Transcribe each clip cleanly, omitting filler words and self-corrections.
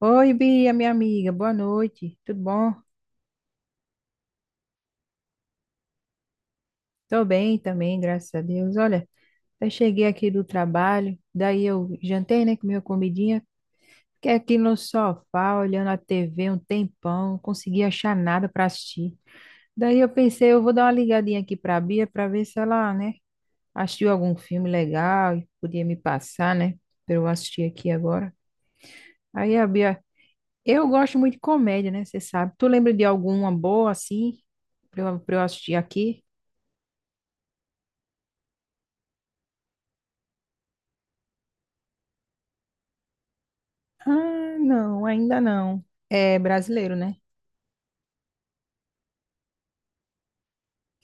Oi, Bia, minha amiga, boa noite. Tudo bom? Tô bem também, graças a Deus. Olha, eu cheguei aqui do trabalho, daí eu jantei, né, com minha comidinha. Fiquei aqui no sofá, olhando a TV um tempão, não consegui achar nada para assistir. Daí eu pensei, eu vou dar uma ligadinha aqui pra Bia para ver se ela, né, assistiu algum filme legal e podia me passar, né, para eu assistir aqui agora. Aí a Bia. Eu gosto muito de comédia, né? Você sabe. Tu lembra de alguma boa assim pra eu assistir aqui? Ah, não, ainda não. É brasileiro, né?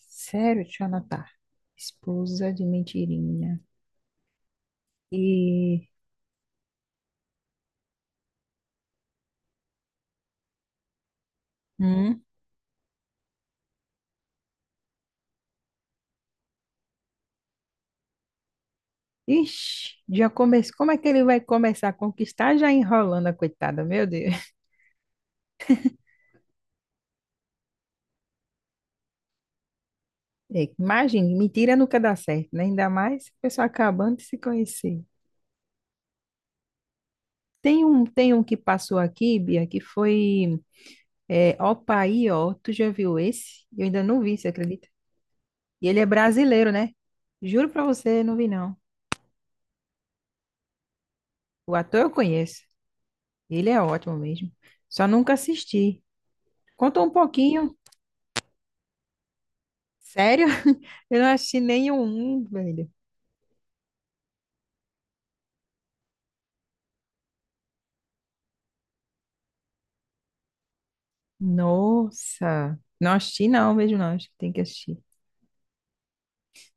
Sério, deixa eu anotar. Esposa de mentirinha. E. Hum? Ixi, como é que ele vai começar a conquistar já enrolando a coitada? Meu Deus. É, imagine, mentira nunca dá certo, né? Ainda mais a pessoa acabando de se conhecer. Tem um que passou aqui, Bia, que foi. É Opaí, ó. Tu já viu esse? Eu ainda não vi, você acredita? E ele é brasileiro, né? Juro pra você, não vi não. O ator eu conheço. Ele é ótimo mesmo. Só nunca assisti. Conta um pouquinho. Sério? Eu não assisti nenhum, velho. Nossa. Não assisti não, mesmo não. Acho que tem que assistir.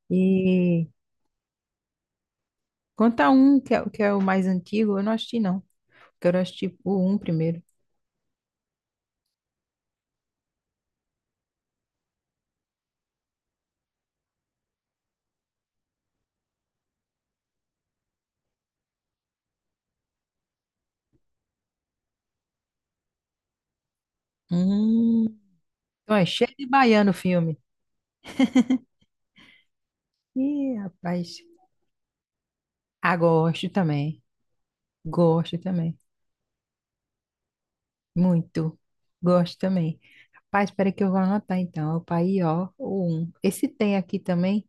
E conta um que é o mais antigo. Eu não assisti não. Quero assistir o um primeiro. Hum. Então é cheio de baiano o filme. Ih, rapaz. Ah, gosto também. Gosto também. Muito. Gosto também. Rapaz, espera que eu vou anotar então. Opa, aí, ó, o um. Esse tem aqui também,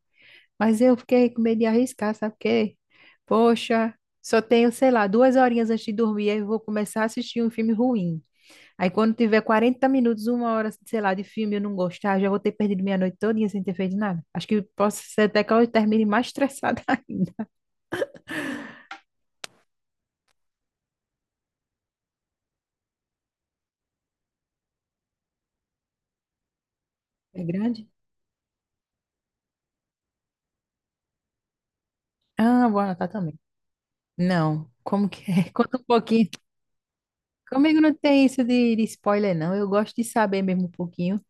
mas eu fiquei com medo de arriscar, sabe por quê? Poxa, só tenho, sei lá, 2 horinhas antes de dormir, aí eu vou começar a assistir um filme ruim. Aí quando tiver 40 minutos, 1 hora, sei lá, de filme, eu não gostar, já vou ter perdido minha noite todinha sem ter feito nada. Acho que posso ser até que eu termine mais estressada ainda. É grande? Ah, vou anotar também. Não, como que é? Conta um pouquinho. Comigo não tem isso de spoiler, não. Eu gosto de saber mesmo um pouquinho.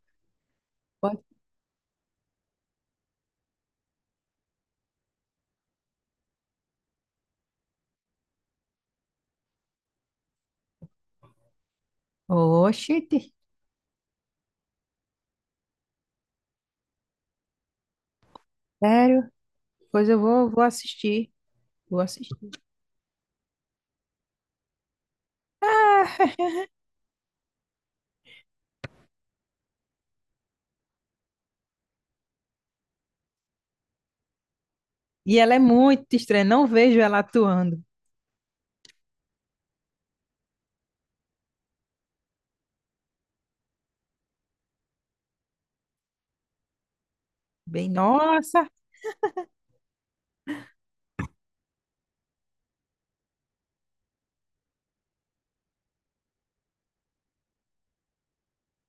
Pode-. Oxente, sério? Pois eu vou, vou assistir. Vou assistir. E ela é muito estranha, não vejo ela atuando. Bem, nossa,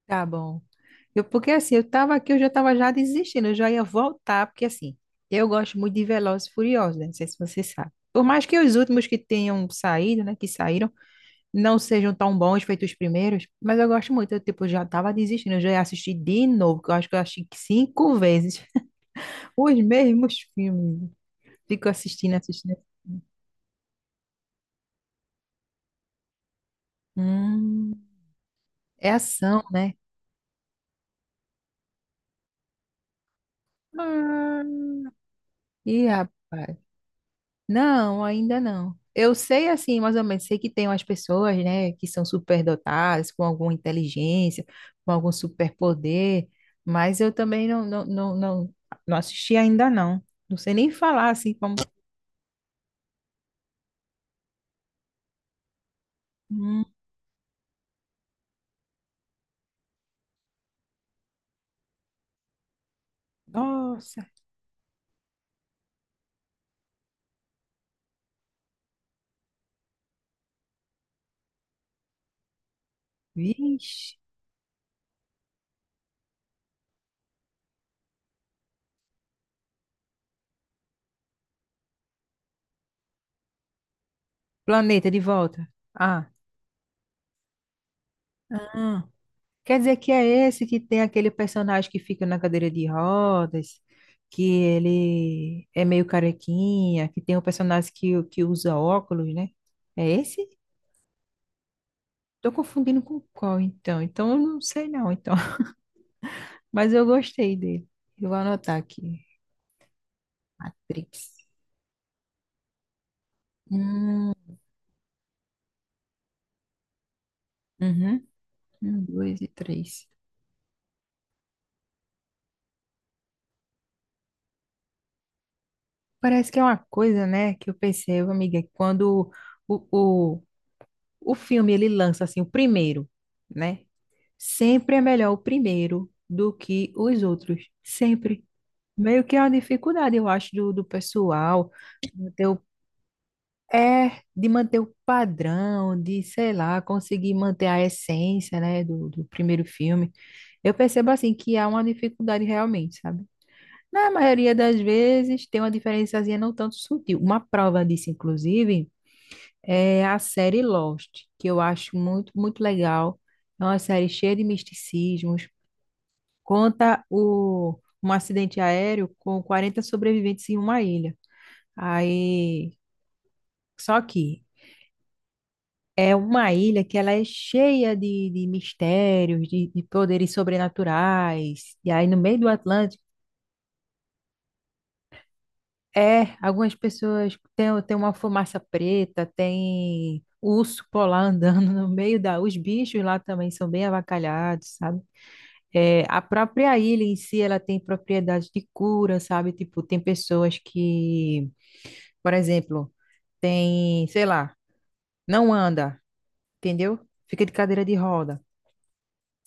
tá bom. Eu, porque assim, eu tava aqui, eu já tava já desistindo, eu já ia voltar, porque assim, eu gosto muito de Velozes e Furiosos, né? Não sei se você sabe. Por mais que os últimos que tenham saído, né, que saíram, não sejam tão bons feitos os primeiros, mas eu gosto muito. Eu, tipo, já tava desistindo, eu já assisti de novo, que eu acho que eu assisti 5 vezes os mesmos filmes. Fico assistindo, assistindo. Hum, é ação, né? Ah. Ih, rapaz. Não, ainda não. Eu sei, assim, mais ou menos, sei que tem umas pessoas, né, que são superdotadas, com alguma inteligência, com algum superpoder, mas eu também não, não assisti ainda, não. Não sei nem falar, assim, como... Nossa, vixe. Planeta de volta. Ah. Ah, quer dizer que é esse que tem aquele personagem que fica na cadeira de rodas, que ele é meio carequinha, que tem um personagem que usa óculos, né? É esse? Tô confundindo com qual, então. Então eu não sei não, então. Mas eu gostei dele. Eu vou anotar aqui. Matrix. Hum, uhum. Um, dois e três. Parece que é uma coisa, né, que eu percebo, amiga, que quando o, o filme ele lança assim o primeiro, né? Sempre é melhor o primeiro do que os outros, sempre. Meio que é uma dificuldade, eu acho, do pessoal manter o- é de manter o padrão, de, sei lá, conseguir manter a essência, né, do primeiro filme. Eu percebo assim que há uma dificuldade realmente, sabe? Na maioria das vezes tem uma diferençazinha não tanto sutil. Uma prova disso, inclusive, é a série Lost, que eu acho muito, muito legal. É uma série cheia de misticismos. Conta um acidente aéreo com 40 sobreviventes em uma ilha. Aí, só que é uma ilha que ela é cheia de mistérios, de poderes sobrenaturais. E aí, no meio do Atlântico, é, algumas pessoas têm, têm uma fumaça preta, tem urso polar andando no meio da... Os bichos lá também são bem avacalhados, sabe? É, a própria ilha em si, ela tem propriedades de cura, sabe? Tipo, tem pessoas que, por exemplo, tem, sei lá, não anda, entendeu? Fica de cadeira de roda.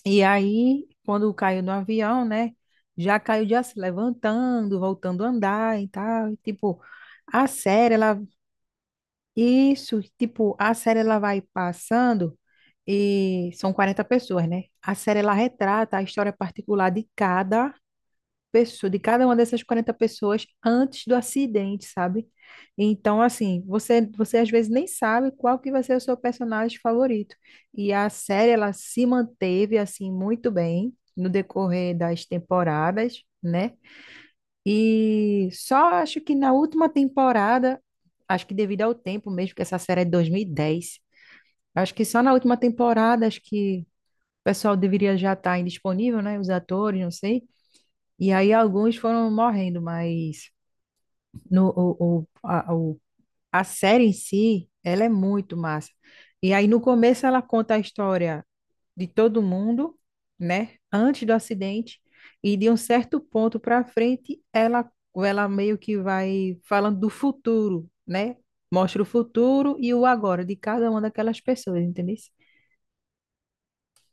E aí, quando caiu no avião, né? Já caiu já se levantando, voltando a andar e tal. E, tipo, a série, ela... Isso, tipo, a série, ela vai passando e são 40 pessoas, né? A série, ela retrata a história particular de cada pessoas, de cada uma dessas 40 pessoas antes do acidente, sabe? Então, assim, você, você às vezes nem sabe qual que vai ser o seu personagem favorito. E a série, ela se manteve, assim, muito bem no decorrer das temporadas, né? E só acho que na última temporada, acho que devido ao tempo mesmo, que essa série é de 2010, acho que só na última temporada, acho que o pessoal deveria já estar indisponível, né? Os atores, não sei. E aí alguns foram morrendo, mas no, o- a série em si, ela é muito massa. E aí no começo ela conta a história de todo mundo, né? Antes do acidente, e de um certo ponto para frente, ela meio que vai falando do futuro, né? Mostra o futuro e o agora de cada uma daquelas pessoas, entendeu?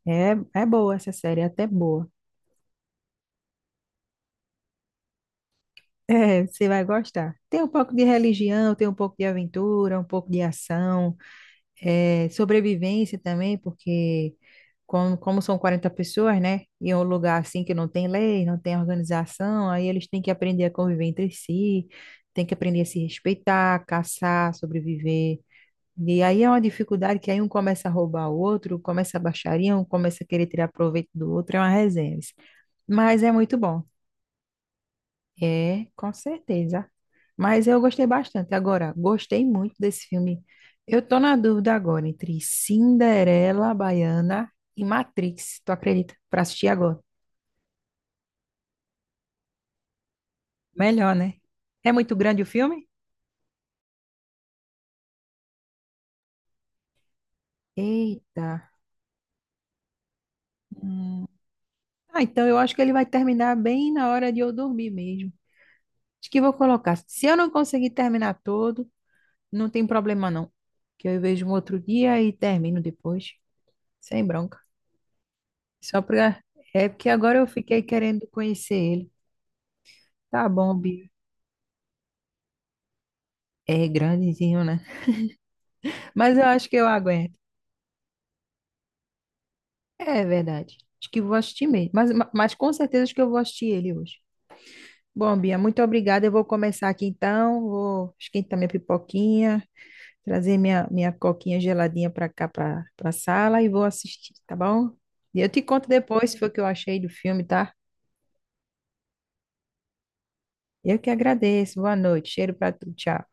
É, é boa essa série, é até boa. É, você vai gostar. Tem um pouco de religião, tem um pouco de aventura, um pouco de ação, é, sobrevivência também, porque como, como são 40 pessoas, né? E é um lugar assim que não tem lei, não tem organização, aí eles têm que aprender a conviver entre si, têm que aprender a se respeitar, caçar, sobreviver. E aí é uma dificuldade que aí um começa a roubar o outro, começa a baixaria, um começa a querer tirar proveito do outro, é uma resenha. Mas é muito bom. É, com certeza. Mas eu gostei bastante. Agora, gostei muito desse filme. Eu tô na dúvida agora entre Cinderela Baiana e Matrix. Tu acredita? Pra assistir agora. Melhor, né? É muito grande o filme? Eita. Hum. Ah, então eu acho que ele vai terminar bem na hora de eu dormir mesmo. Acho que vou colocar. Se eu não conseguir terminar todo, não tem problema não. Que eu vejo um outro dia e termino depois. Sem bronca. Só pra. É porque agora eu fiquei querendo conhecer ele. Tá bom, Bia. É grandezinho, né? Mas eu acho que eu aguento. É verdade. Acho que vou assistir mesmo. Mas, mas com certeza acho que eu vou assistir ele hoje. Bom, Bia, muito obrigada. Eu vou começar aqui então. Vou esquentar minha pipoquinha, trazer minha coquinha geladinha para cá, para pra sala e vou assistir, tá bom? E eu te conto depois se foi o que eu achei do filme, tá? Eu que agradeço. Boa noite. Cheiro para tu. Tchau.